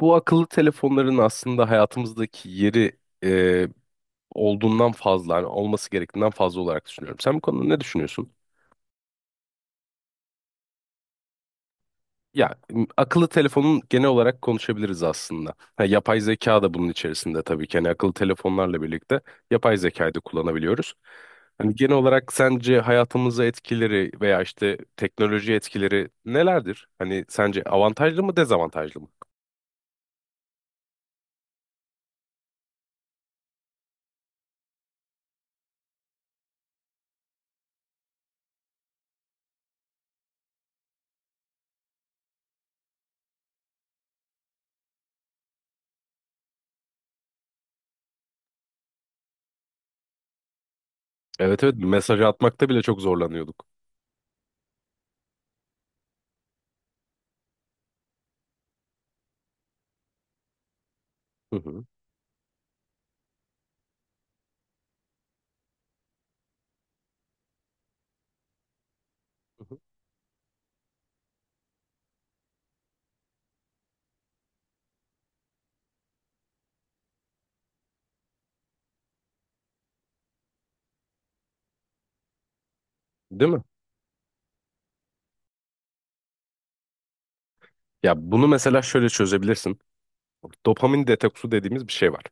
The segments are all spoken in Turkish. Bu akıllı telefonların aslında hayatımızdaki yeri olduğundan fazla, hani olması gerektiğinden fazla olarak düşünüyorum. Sen bu konuda ne düşünüyorsun? Ya akıllı telefonun genel olarak konuşabiliriz aslında. Ha, yapay zeka da bunun içerisinde tabii ki. Hani akıllı telefonlarla birlikte yapay zekayı da kullanabiliyoruz. Hani genel olarak sence hayatımıza etkileri veya işte teknoloji etkileri nelerdir? Hani sence avantajlı mı dezavantajlı mı? Evet, evet, mesaj atmakta bile çok zorlanıyorduk. Hı hı. Hı hı. Değil mi? Ya bunu mesela şöyle çözebilirsin. Dopamin detoksu dediğimiz bir şey var.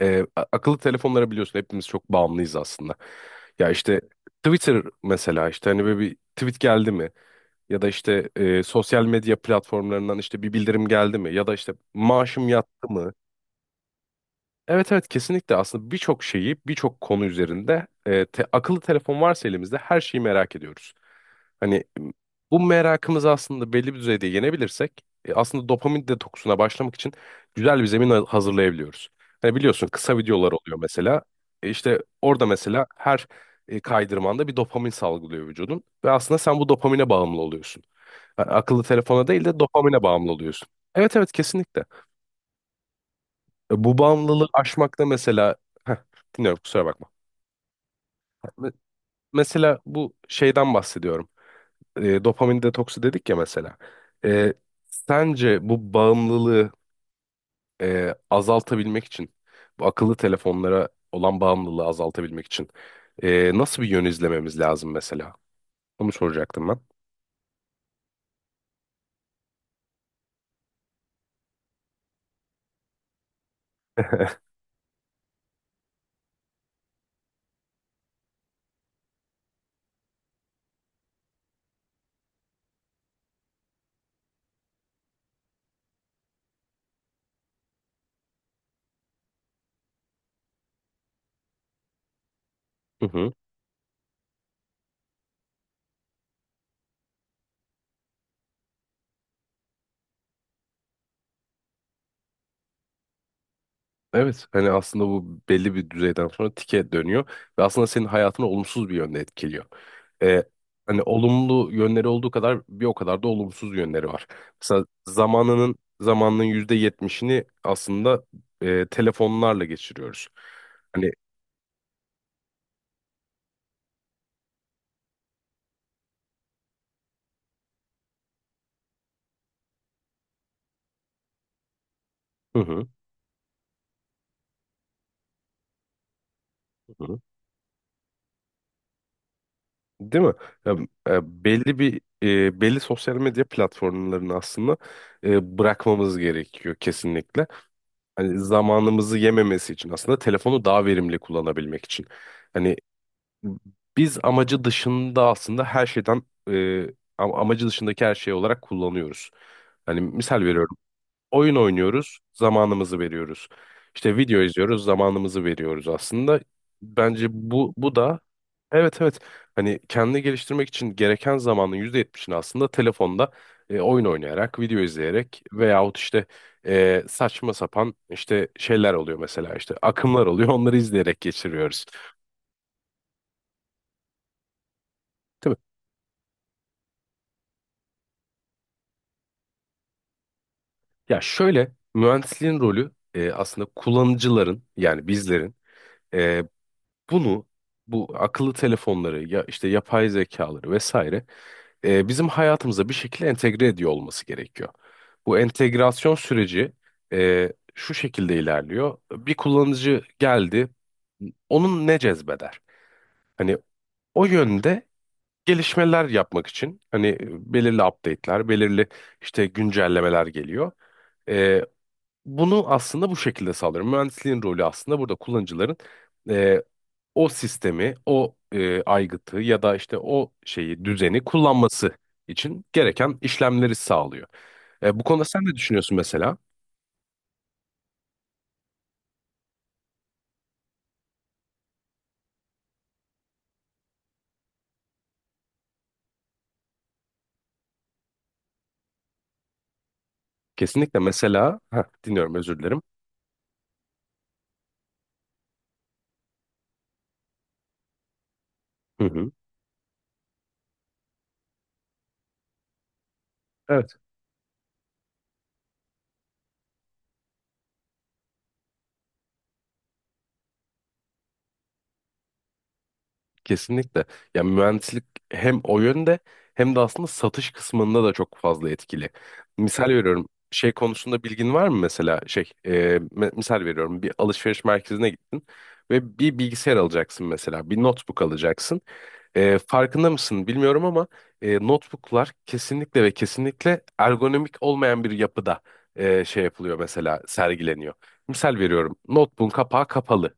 Akıllı telefonlara biliyorsun hepimiz çok bağımlıyız aslında. Ya işte Twitter mesela işte hani böyle bir tweet geldi mi? Ya da işte sosyal medya platformlarından işte bir bildirim geldi mi? Ya da işte maaşım yattı mı? Evet, evet, kesinlikle aslında birçok şeyi birçok konu üzerinde akıllı telefon varsa elimizde her şeyi merak ediyoruz. Hani m, Bu merakımızı aslında belli bir düzeyde yenebilirsek aslında dopamin detoksuna başlamak için güzel bir zemin hazırlayabiliyoruz. Hani biliyorsun kısa videolar oluyor mesela. İşte orada mesela her kaydırmanda bir dopamin salgılıyor vücudun ve aslında sen bu dopamine bağımlı oluyorsun. Yani akıllı telefona değil de dopamine bağımlı oluyorsun. Evet, evet, kesinlikle. Bu bağımlılığı aşmakta mesela Heh, dinliyorum, kusura bakma. Me- Mesela bu şeyden bahsediyorum. Dopamin detoksu dedik ya mesela. E, Sence bu bağımlılığı azaltabilmek için, bu akıllı telefonlara olan bağımlılığı azaltabilmek için nasıl bir yön izlememiz lazım mesela? Onu soracaktım ben. Evet, hani aslında bu belli bir düzeyden sonra tike dönüyor ve aslında senin hayatını olumsuz bir yönde etkiliyor. Ee, Hani olumlu yönleri olduğu kadar bir o kadar da olumsuz yönleri var. Mesela zamanının zamanının %70'ini aslında telefonlarla geçiriyoruz. Hani hı hı, hı hı. Değil mi? Ya, belli bir belli sosyal medya platformlarını aslında bırakmamız gerekiyor kesinlikle. Hani zamanımızı yememesi için aslında telefonu daha verimli kullanabilmek için. Hani biz amacı dışında aslında her şeyden e, amacı dışındaki her şey olarak kullanıyoruz. Hani misal veriyorum, oyun oynuyoruz, zamanımızı veriyoruz. İşte video izliyoruz, zamanımızı veriyoruz aslında. Bence bu da evet, evet, hani kendini geliştirmek için gereken zamanın %70'ini aslında telefonda oyun oynayarak, video izleyerek veyahut işte saçma sapan işte şeyler oluyor, mesela işte akımlar oluyor onları izleyerek geçiriyoruz. Değil mi? Ya şöyle, mühendisliğin rolü aslında kullanıcıların, yani bizlerin, e, bunu, bu akıllı telefonları ya işte yapay zekaları vesaire bizim hayatımıza bir şekilde entegre ediyor olması gerekiyor. Bu entegrasyon süreci şu şekilde ilerliyor. Bir kullanıcı geldi, onun ne cezbeder? Hani o yönde gelişmeler yapmak için hani belirli update'ler, belirli işte güncellemeler geliyor. E, Bunu aslında bu şekilde sağlıyorum. Mühendisliğin rolü aslında burada kullanıcıların o sistemi, o aygıtı ya da işte o şeyi, düzeni kullanması için gereken işlemleri sağlıyor. Bu konuda sen ne düşünüyorsun mesela? Kesinlikle mesela. Dinliyorum, özür dilerim. Hı hı. Evet. Kesinlikle. Ya mühendislik hem o yönde hem de aslında satış kısmında da çok fazla etkili. Misal veriyorum. Şey konusunda bilgin var mı mesela? Misal veriyorum. Bir alışveriş merkezine gittin ve bir bilgisayar alacaksın mesela. Bir notebook alacaksın. Farkında mısın bilmiyorum ama notebooklar kesinlikle ve kesinlikle ergonomik olmayan bir yapıda şey yapılıyor, mesela sergileniyor. Misal veriyorum, notebook'un kapağı kapalı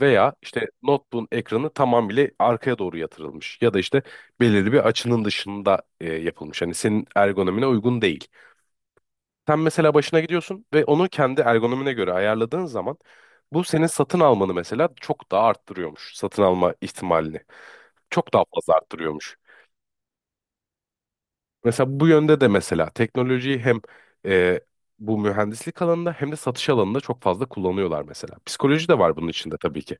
veya işte notebook'un ekranı tamamıyla arkaya doğru yatırılmış ya da işte belirli bir açının dışında yapılmış. Hani senin ergonomine uygun değil. Sen mesela başına gidiyorsun ve onu kendi ergonomine göre ayarladığın zaman bu senin satın almanı mesela çok daha arttırıyormuş. Satın alma ihtimalini çok daha fazla arttırıyormuş. Mesela bu yönde de mesela teknolojiyi hem e, bu mühendislik alanında hem de satış alanında çok fazla kullanıyorlar mesela. Psikoloji de var bunun içinde tabii ki.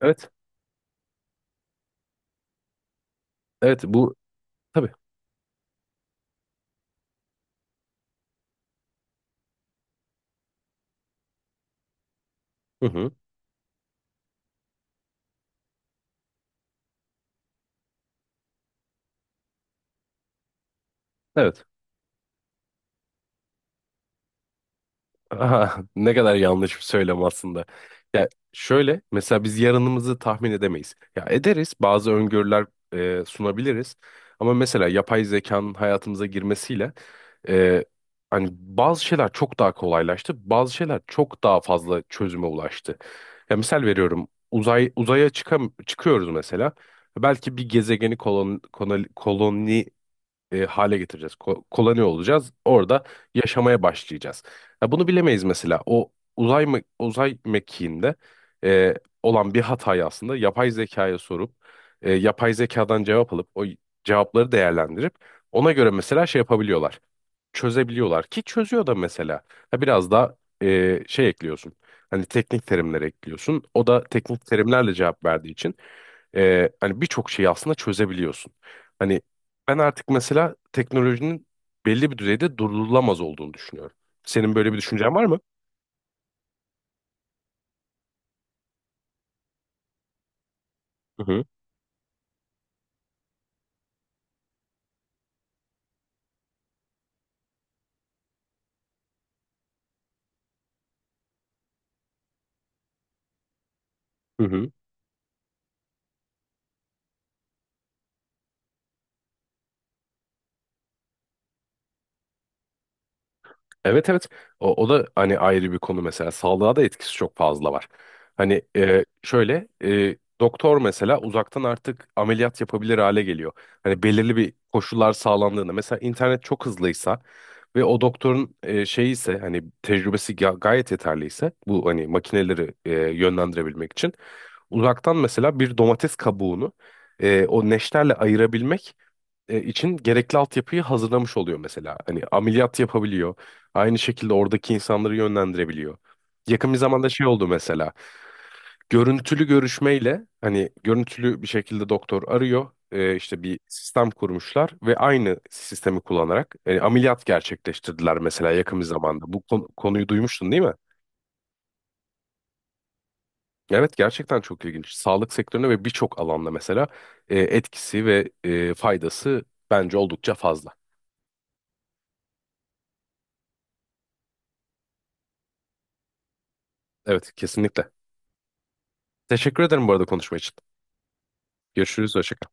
Evet, evet, bu tabii. Hı hı, evet. Aha, ne kadar yanlış bir söylem aslında. Ya şöyle, mesela biz yarınımızı tahmin edemeyiz. Ya ederiz, bazı öngörüler sunabiliriz. Ama mesela yapay zekanın hayatımıza girmesiyle e, hani bazı şeyler çok daha kolaylaştı. Bazı şeyler çok daha fazla çözüme ulaştı. Ya misal veriyorum, uzay uzaya çıkıyoruz mesela. Belki bir gezegeni koloni, hale getireceğiz. Koloni olacağız. Orada yaşamaya başlayacağız. Ha, bunu bilemeyiz mesela. O uzay mekiğinde e, olan bir hatayı aslında yapay zekaya sorup yapay zekadan cevap alıp o cevapları değerlendirip ona göre mesela şey yapabiliyorlar. Çözebiliyorlar, ki çözüyor da mesela. Ha, biraz da şey ekliyorsun. Hani teknik terimler ekliyorsun. O da teknik terimlerle cevap verdiği için hani birçok şeyi aslında çözebiliyorsun. Hani ben artık mesela teknolojinin belli bir düzeyde durdurulamaz olduğunu düşünüyorum. Senin böyle bir düşüncen var mı? Hı hı. Hı hı. Evet, evet, o da hani ayrı bir konu, mesela sağlığa da etkisi çok fazla var. Hani şöyle doktor mesela uzaktan artık ameliyat yapabilir hale geliyor. Hani belirli bir koşullar sağlandığında mesela internet çok hızlıysa ve o doktorun şeyi ise, hani tecrübesi gayet yeterliyse, bu hani makineleri yönlendirebilmek için uzaktan mesela bir domates kabuğunu o neşterle ayırabilmek için gerekli altyapıyı hazırlamış oluyor mesela. Hani ameliyat yapabiliyor. Aynı şekilde oradaki insanları yönlendirebiliyor. Yakın bir zamanda şey oldu mesela. Görüntülü görüşmeyle hani görüntülü bir şekilde doktor arıyor. İşte bir sistem kurmuşlar ve aynı sistemi kullanarak ameliyat gerçekleştirdiler mesela, yakın bir zamanda. Bu konuyu duymuştun değil mi? Evet, gerçekten çok ilginç. Sağlık sektörüne ve birçok alanda mesela etkisi ve faydası bence oldukça fazla. Evet, kesinlikle. Teşekkür ederim bu arada konuşma için. Görüşürüz. Hoşça kal.